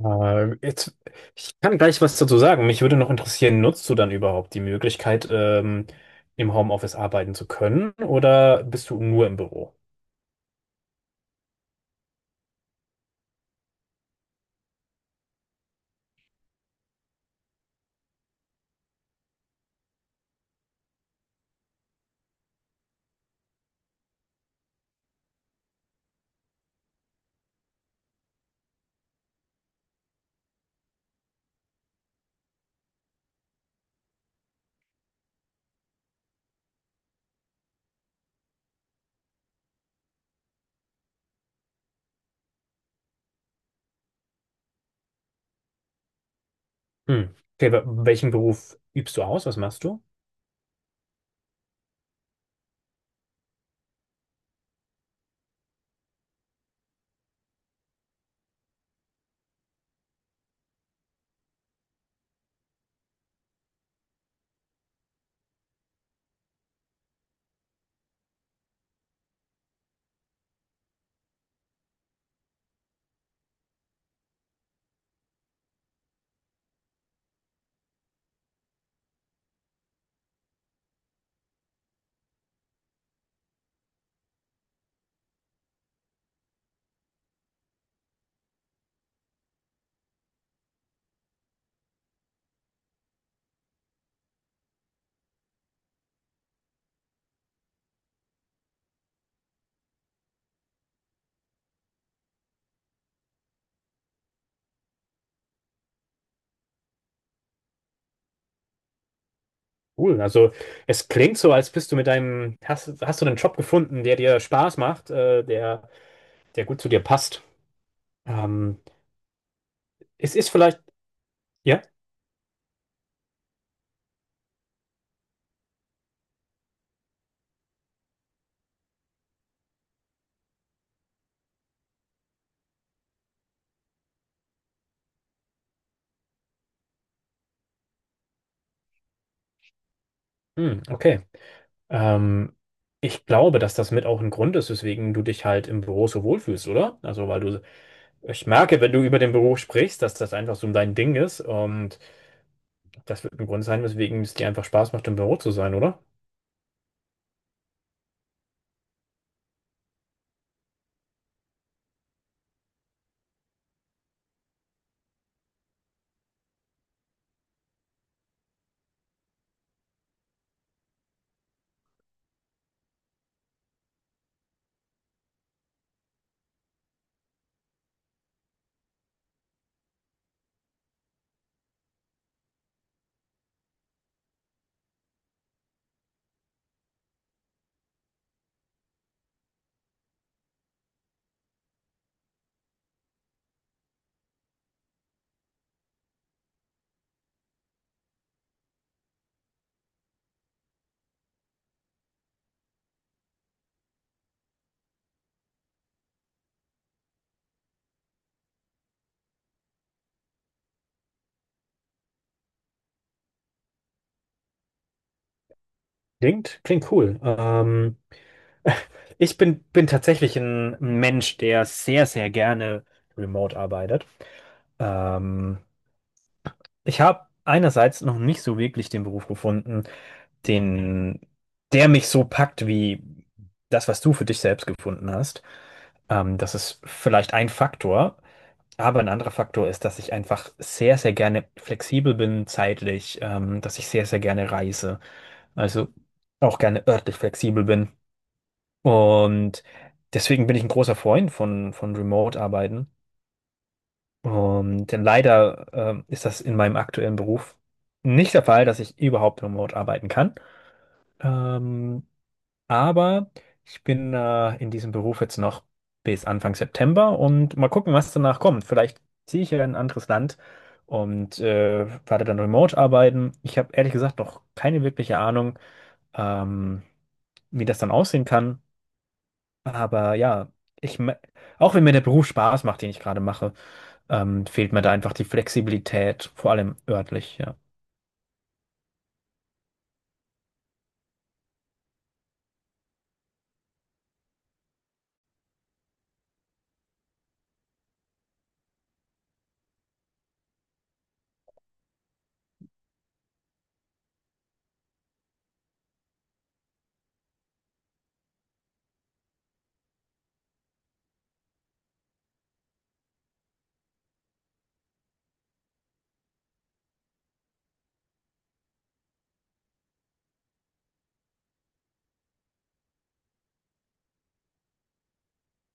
Äh, jetzt, Ich kann gleich was dazu sagen. Mich würde noch interessieren, nutzt du dann überhaupt die Möglichkeit, im Homeoffice arbeiten zu können oder bist du nur im Büro? Hm. Okay, welchen Beruf übst du aus? Was machst du? Cool. Also es klingt so, als bist du mit deinem, hast, hast du einen Job gefunden, der dir Spaß macht, der, der gut zu dir passt. Ähm, es ist vielleicht, ja? Hm, okay. Ähm, ich glaube, dass das mit auch ein Grund ist, weswegen du dich halt im Büro so wohlfühlst, oder? Also weil du ich merke, wenn du über den Beruf sprichst, dass das einfach so dein Ding ist. Und das wird ein Grund sein, weswegen es dir einfach Spaß macht, im Büro zu sein, oder? Klingt, klingt cool. Ich bin, bin tatsächlich ein Mensch, der sehr, sehr gerne remote arbeitet. Ähm, Ich habe einerseits noch nicht so wirklich den Beruf gefunden, den, der mich so packt wie das, was du für dich selbst gefunden hast. Das ist vielleicht ein Faktor. Aber ein anderer Faktor ist, dass ich einfach sehr, sehr gerne flexibel bin zeitlich, dass ich sehr, sehr gerne reise, also auch gerne örtlich flexibel bin. Und deswegen bin ich ein großer Freund von Remote-Arbeiten. Und denn leider, ist das in meinem aktuellen Beruf nicht der Fall, dass ich überhaupt remote arbeiten kann. Ähm, Aber ich bin in diesem Beruf jetzt noch bis Anfang September und mal gucken, was danach kommt. Vielleicht ziehe ich ja in ein anderes Land und werde dann remote arbeiten. Ich habe ehrlich gesagt noch keine wirkliche Ahnung, ähm, wie das dann aussehen kann. Aber ja, ich, auch wenn mir der Beruf Spaß macht, den ich gerade mache, fehlt mir da einfach die Flexibilität, vor allem örtlich, ja.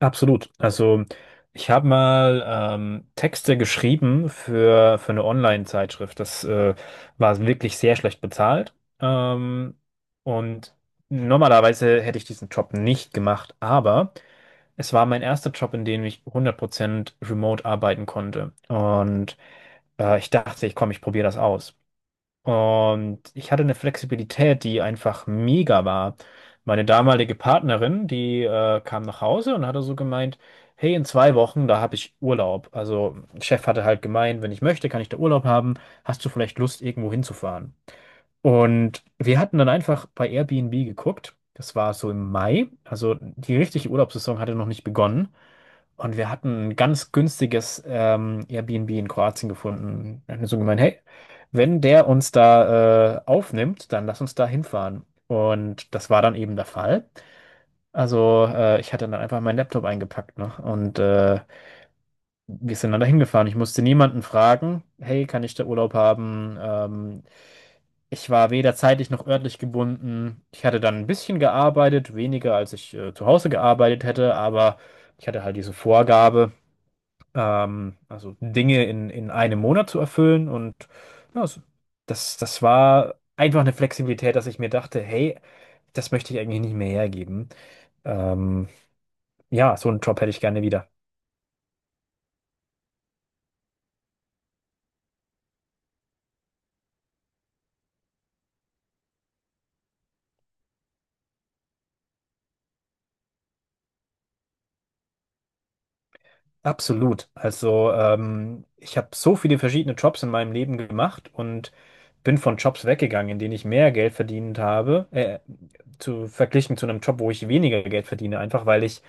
Absolut. Also ich habe mal Texte geschrieben für eine Online-Zeitschrift. Das war wirklich sehr schlecht bezahlt. Und normalerweise hätte ich diesen Job nicht gemacht, aber es war mein erster Job, in dem ich 100% remote arbeiten konnte. Und ich dachte, ich komm, ich probiere das aus. Und ich hatte eine Flexibilität, die einfach mega war. Meine damalige Partnerin, die kam nach Hause und hatte so gemeint, hey, in 2 Wochen, da habe ich Urlaub. Also, Chef hatte halt gemeint, wenn ich möchte, kann ich da Urlaub haben. Hast du vielleicht Lust, irgendwo hinzufahren? Und wir hatten dann einfach bei Airbnb geguckt. Das war so im Mai. Also, die richtige Urlaubssaison hatte noch nicht begonnen. Und wir hatten ein ganz günstiges Airbnb in Kroatien gefunden. Wir hatten so gemeint, hey, wenn der uns da aufnimmt, dann lass uns da hinfahren. Und das war dann eben der Fall. Also ich hatte dann einfach meinen Laptop eingepackt, ne? Und wir sind dann da hingefahren. Ich musste niemanden fragen, hey, kann ich da Urlaub haben? Ich war weder zeitlich noch örtlich gebunden. Ich hatte dann ein bisschen gearbeitet, weniger als ich zu Hause gearbeitet hätte, aber ich hatte halt diese Vorgabe also Dinge in 1 Monat zu erfüllen. Und ja, so- das, das war einfach eine Flexibilität, dass ich mir dachte, hey, das möchte ich eigentlich nicht mehr hergeben. Ähm, ja, so einen Job hätte ich gerne wieder. Absolut. Also ich habe so viele verschiedene Jobs in meinem Leben gemacht und bin von Jobs weggegangen, in denen ich mehr Geld verdient habe, zu verglichen zu einem Job, wo ich weniger Geld verdiene, einfach weil ich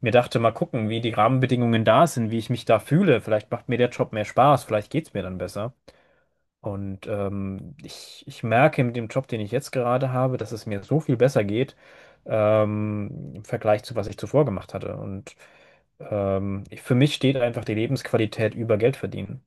mir dachte, mal gucken, wie die Rahmenbedingungen da sind, wie ich mich da fühle. Vielleicht macht mir der Job mehr Spaß, vielleicht geht's mir dann besser. Und ich merke mit dem Job, den ich jetzt gerade habe, dass es mir so viel besser geht, im Vergleich zu, was ich zuvor gemacht hatte. Und für mich steht einfach die Lebensqualität über Geld verdienen.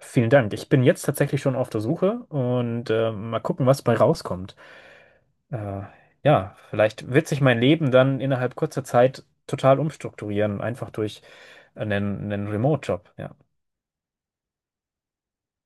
Vielen Dank. Ich bin jetzt tatsächlich schon auf der Suche und mal gucken, was bei rauskommt. Äh, ja, vielleicht wird sich mein Leben dann innerhalb kurzer Zeit total umstrukturieren, einfach durch einen, einen Remote-Job. Ja.